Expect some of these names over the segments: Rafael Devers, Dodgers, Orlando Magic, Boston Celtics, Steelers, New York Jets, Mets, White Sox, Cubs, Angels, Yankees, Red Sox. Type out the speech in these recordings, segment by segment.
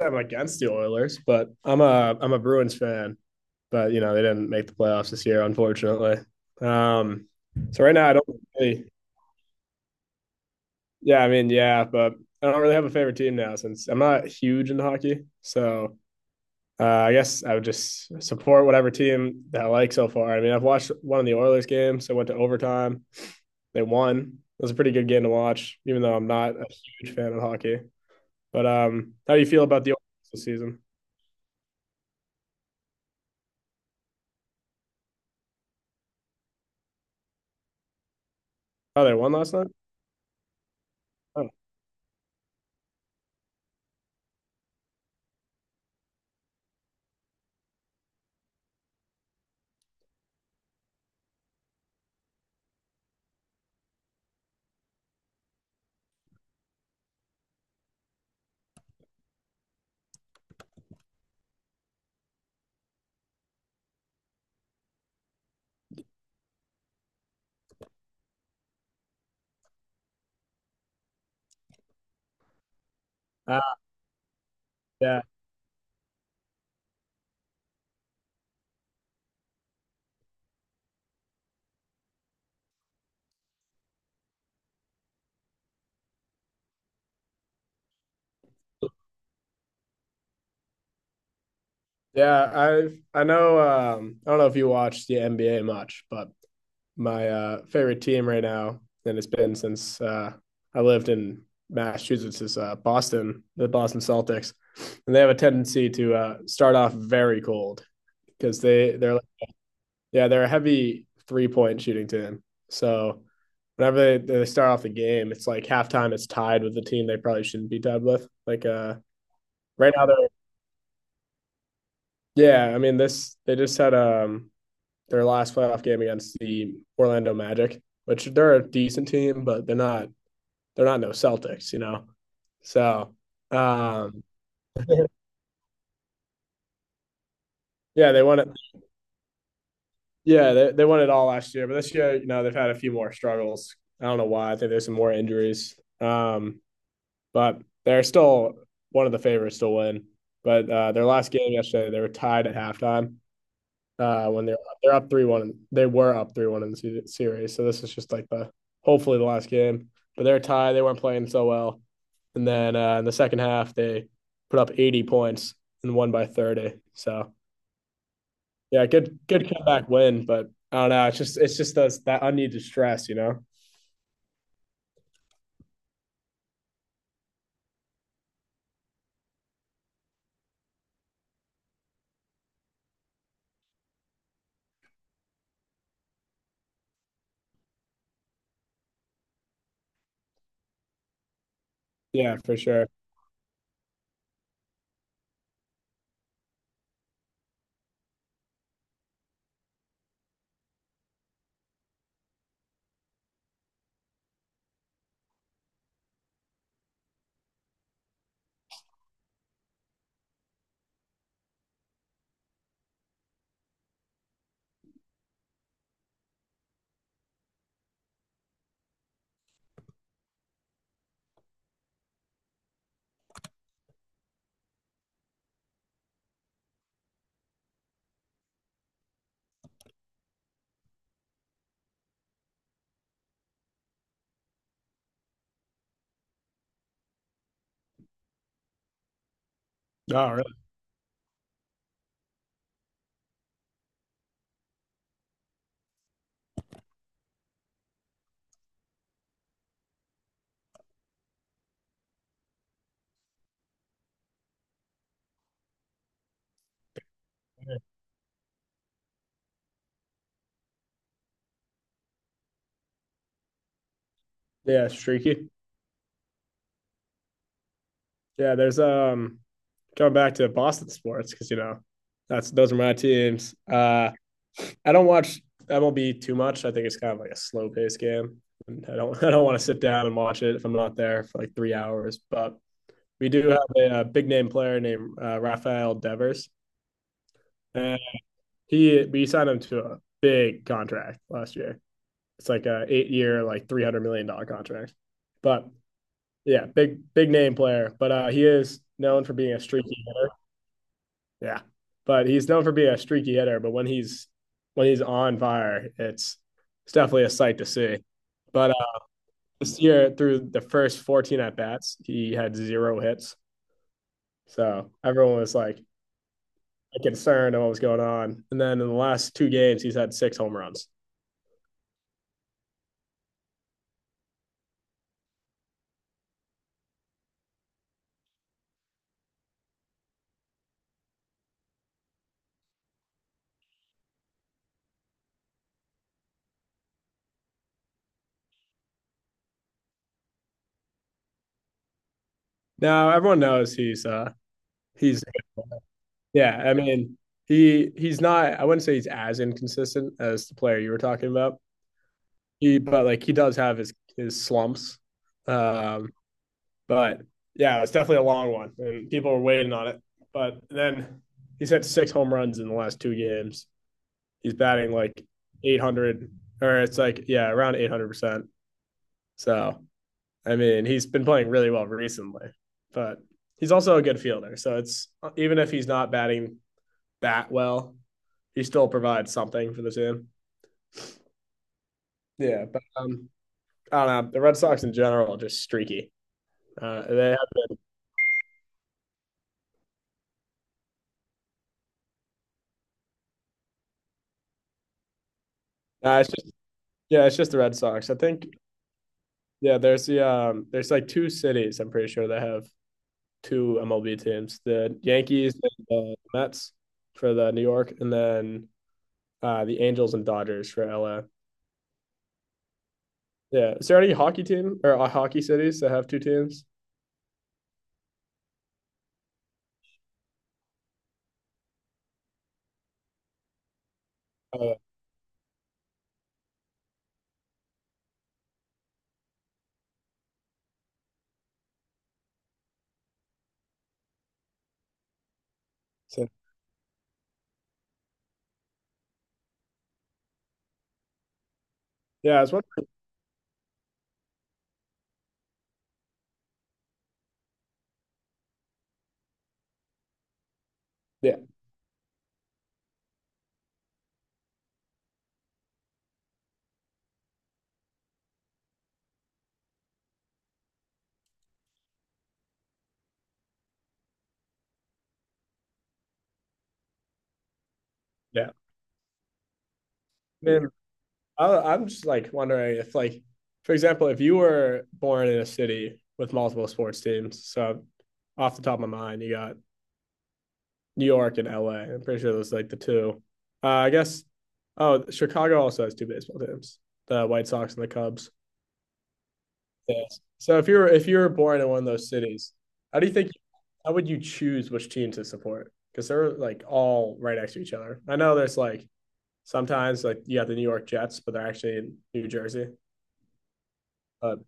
I'm against the Oilers, but I'm a Bruins fan. But you know they didn't make the playoffs this year, unfortunately. Um, so right now I don't. Really, yeah, I mean, yeah, but I don't really have a favorite team now since I'm not huge into hockey. So, I guess I would just support whatever team that I like so far. I mean, I've watched one of the Oilers games. I went to overtime. They won. It was a pretty good game to watch, even though I'm not a huge fan of hockey. But, how do you feel about the Oilers this season? Oh, they won last night. Oh, uh, yeah. Yeah, I know. I don't know if you watch the NBA much, but my favorite team right now, and it's been since I lived in Massachusetts, is Boston, the Boston Celtics, and they have a tendency to start off very cold because yeah, they're a heavy three point shooting team. So whenever they start off the game, it's like halftime. It's tied with the team they probably shouldn't be tied with. Like, right now they're, yeah. I mean this they just had their last playoff game against the Orlando Magic, which they're a decent team, but they're not no Celtics. So, um yeah, they won it. Yeah, they won it all last year, but this year, they've had a few more struggles. I don't know why. I think there's some more injuries. But they're still one of the favorites to win. But, their last game yesterday, they were tied at halftime. When they're up 3-1. They were up 3-1 in the series, so this is just like the hopefully the last game. But they're tied. They weren't playing so well, and then, in the second half they put up 80 points and won by 30. So yeah, good comeback win. But I don't know. It's just those, that unneeded stress. Yeah, for sure. Oh, really? Yeah, streaky. Yeah, there's going back to Boston sports because you know that's those are my teams. I don't watch MLB too much. I think it's kind of like a slow paced game. And I don't I don't want to sit down and watch it if I'm not there for like 3 hours. But we do have a big name player named Rafael Devers, and he we signed him to a big contract last year. It's like a 8-year, like $300 million contract. But yeah, big name player, but he is known for being a streaky hitter. Yeah, but he's known for being a streaky hitter. But when he's on fire, it's definitely a sight to see. But, this year, through the first 14 at bats, he had zero hits. So everyone was like, concerned of what was going on. And then in the last two games, he's had six home runs. Now everyone knows he's. Yeah, I mean he's not. I wouldn't say he's as inconsistent as the player you were talking about, he but like he does have his slumps. Um, but yeah, it's definitely a long one, and people are waiting on it. But then he's had six home runs in the last two games. He's batting like 800, or it's like yeah, around 800%. So I mean, he's been playing really well recently, but he's also a good fielder. So it's even if he's not batting that well, he still provides something for the team. Yeah, but, I don't know. The Red Sox in general are just streaky. They Nah, it's just yeah, it's just the Red Sox. I think yeah, there's like two cities I'm pretty sure that have two MLB teams. The Yankees and the Mets for the New York, and then the Angels and Dodgers for LA. Yeah. Is there any hockey team or, hockey cities that have two teams? Uh, so, yeah, I was wondering. Yeah, yeah. I mean, I'm just like wondering if like for example, if you were born in a city with multiple sports teams, so off the top of my mind, you got New York and L. am pretty sure those are like the two. I guess. Oh, Chicago also has two baseball teams: the White Sox and the Cubs. Yes. So if you were born in one of those cities, how do you think? How would you choose which team to support? Because they're like all right next to each other. I know there's like sometimes like you have the New York Jets, but they're actually in New Jersey. But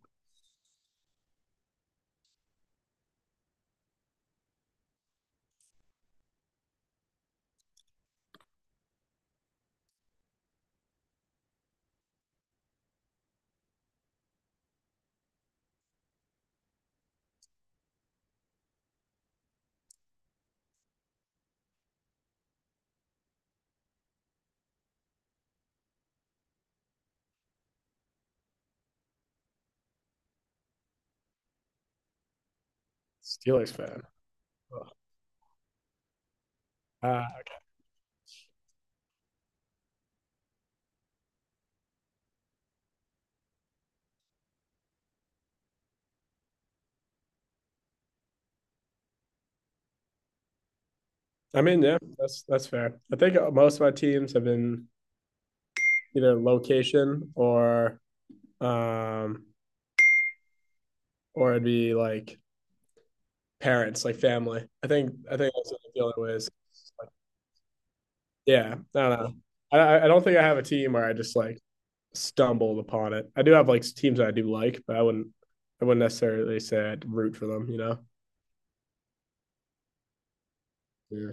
Steelers fan. Uh, I mean, yeah, that's fair. I think most of my teams have been either location or, um, it'd be like parents, like family. I think that's the only way. Is like, yeah, I don't know. Don't think I have a team where I just like stumbled upon it. I do have like teams that I do like, but I wouldn't necessarily say I'd root for them. Yeah.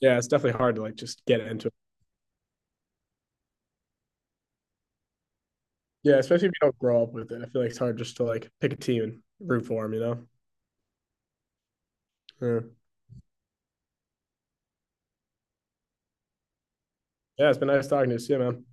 Yeah, it's definitely hard to like just get into it. Yeah, especially if you don't grow up with it. I feel like it's hard just to like pick a team and root for them. Yeah. Yeah, it's been nice talking to you. See you, man.